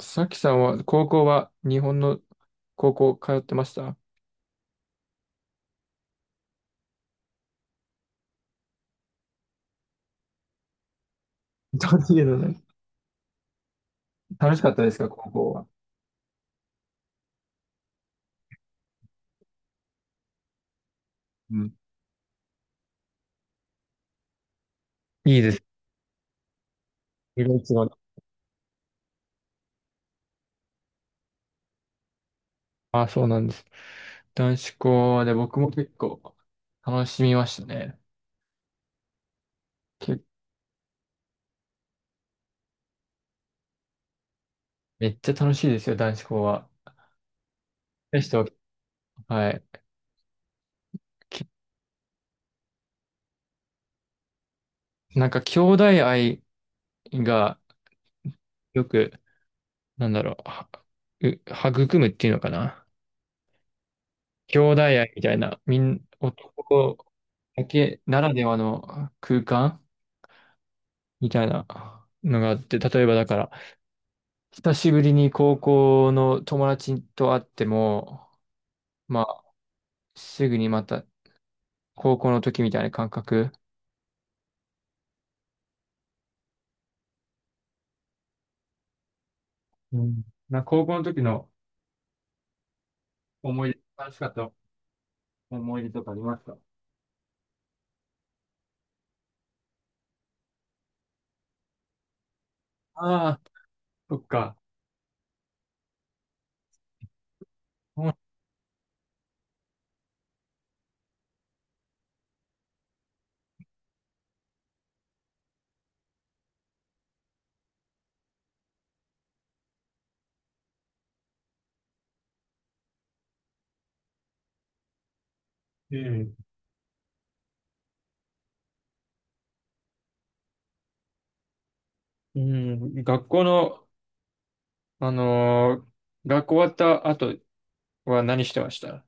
さきさんは、高校は日本の高校通ってました？どういうのね。楽しかったですか、高校は。うん。いいです。色々違う。あ、そうなんです。男子校で僕も結構楽しみましたね。け、めっちゃ楽しいですよ、男子校は。でした。はい。きなんか兄弟愛がよく、なんだろう、う育むっていうのかな。兄弟愛みたいな、男だけならではの空間みたいなのがあって、例えばだから、久しぶりに高校の友達と会っても、まあ、すぐにまた高校の時みたいな感覚。うん。高校の時の思い出、楽しかった思い出とかありますか？ああ、そっか。うん、うん。学校の、あのー学校終わった後は何してました？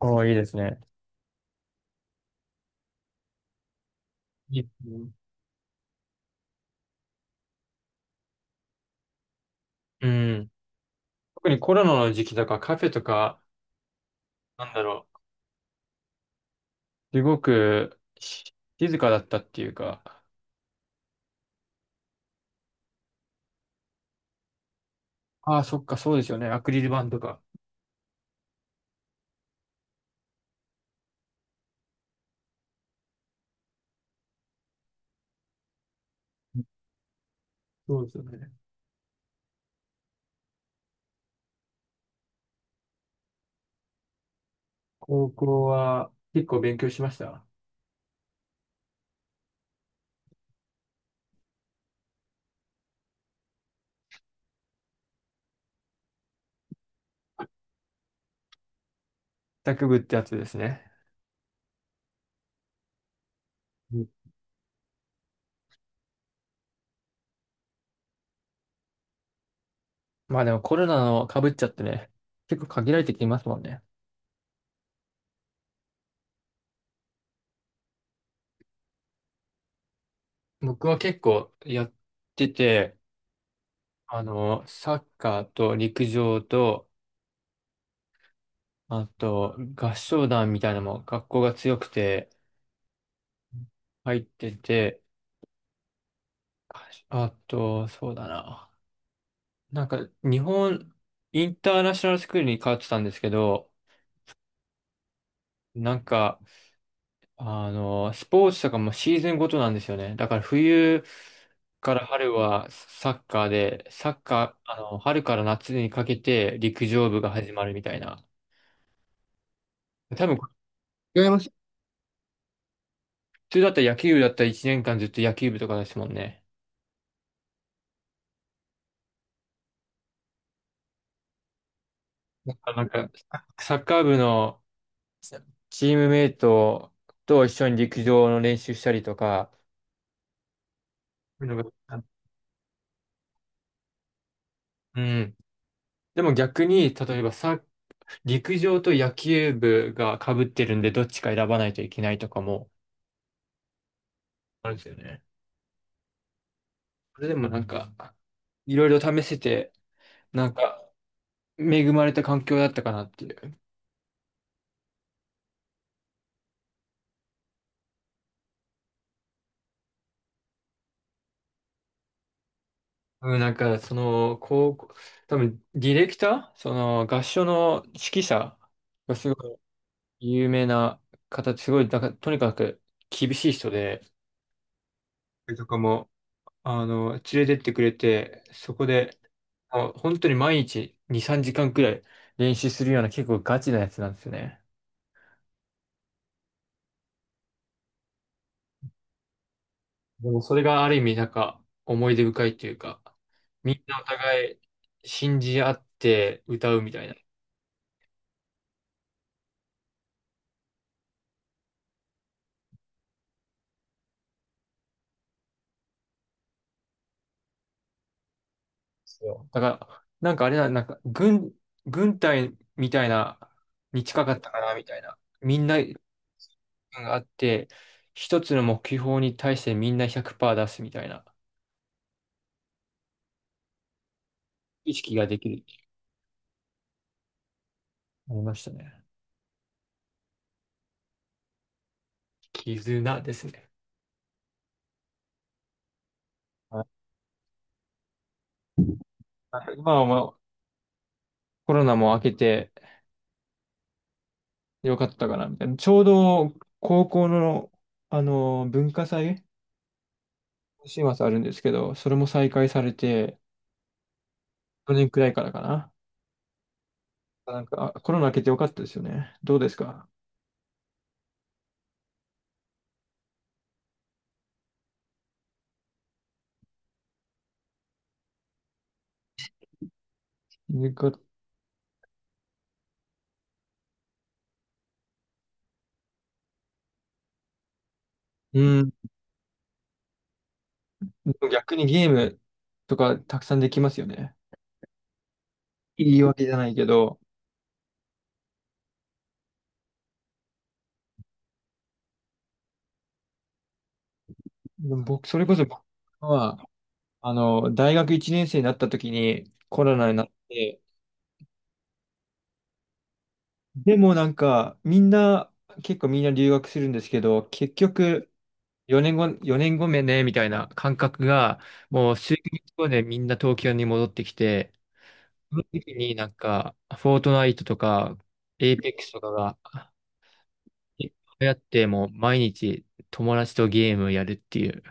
おー、いいですね。いい、うん。うん。特にコロナの時期とかカフェとか、なんだろう。すごく静かだったっていうか、ああ、そっか、そうですよね。アクリル板とか。そうですよね。高校は結構勉強しました？卓部ってやつですね。うん。まあでもコロナの被っちゃってね、結構限られてきますもんね。僕は結構やってて、サッカーと陸上と、あと合唱団みたいなのも学校が強くて入ってて、あと、そうだな。なんか、日本、インターナショナルスクールに通ってたんですけど、なんか、スポーツとかもシーズンごとなんですよね。だから冬から春はサッカーで、サッカー、春から夏にかけて陸上部が始まるみたいな。多分、違います。普通だったら野球部だったら1年間ずっと野球部とかですもんね。だからなんか、サッカー部のチームメイトと一緒に陸上の練習したりとか、そういうのが、うん。でも逆に、例えばさ、陸上と野球部が被ってるんで、どっちか選ばないといけないとかもあるんですよね。それでもなんか、いろいろ試せて、なんか、恵まれた環境だったかなっていう。うん、なんか、その、高校、多分、ディレクターその、合唱の指揮者がすごい有名な方、すごい、なんか、とにかく厳しい人で、とかも連れてってくれて、そこで、あ、本当に毎日2、3時間くらい練習するような結構ガチなやつなんですよね。でもそれがある意味なんか思い出深いというか、みんなお互い信じ合って歌うみたいな。そうだから、なんかあれな、軍隊みたいな、に近かったかなみたいな。みんながあって、一つの目標に対してみんな100%出すみたいな意識ができる。ありましたね。絆ですね。はい。今はまあコロナも明けてよかったかな、みたいな。ちょうど高校の、あの文化祭、今週末あるんですけど、それも再開されて、去年くらいからかな。なんか、あコロナ明けてよかったですよね。どうですか？よかうん。でも逆にゲームとかたくさんできますよね。いいわけじゃないけど、でも僕、それこそ僕は、大学1年生になった時にコロナになって、でもなんか、みんな、結構みんな留学するんですけど、結局、4年後目ね、みたいな感覚が、もう数ヶ月後でみんな東京に戻ってきて、その時になんか、フォートナイトとか、エイペックスとかが、いっって、もう毎日友達とゲームやるっていう。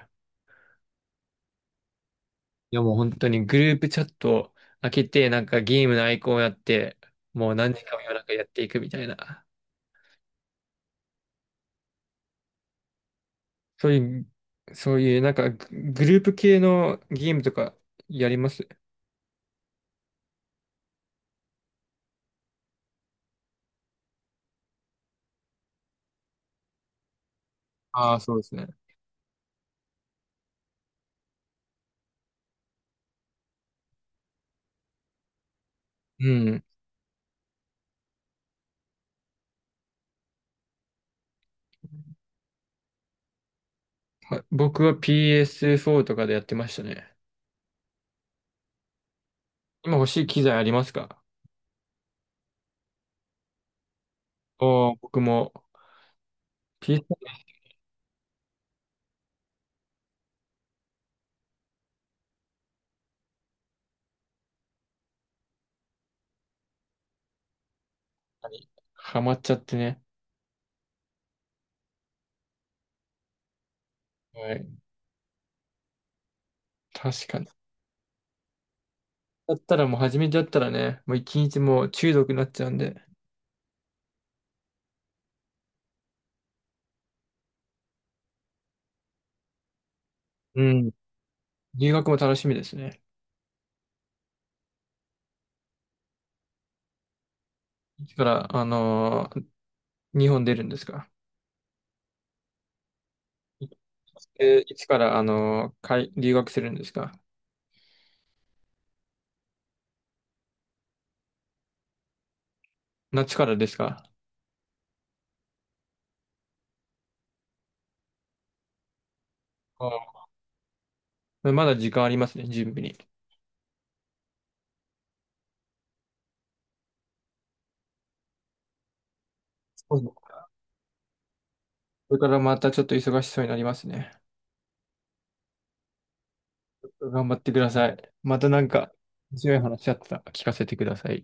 いやもう本当にグループチャット開けて、なんかゲームのアイコンをやって、もう何時間も夜中やっていくみたいな。そういう、そういう、なんかグループ系のゲームとかやります？ああ、そうですね。うん。僕は PS4 とかでやってましたね。今欲しい機材ありますか？おー、僕も PS4 にハマっちゃってね。はい。確かに。だったらもう初めてだったらね、もう一日もう中毒になっちゃうんで。うん。留学も楽しみですね。いつから、日本出るんですか？いいつから、海留学するんですか？夏からですか？ああ、まだ時間ありますね、準備に。そうそう。これからまたちょっと忙しそうになりますね。頑張ってください。またなんか、強い話あったら聞かせてください。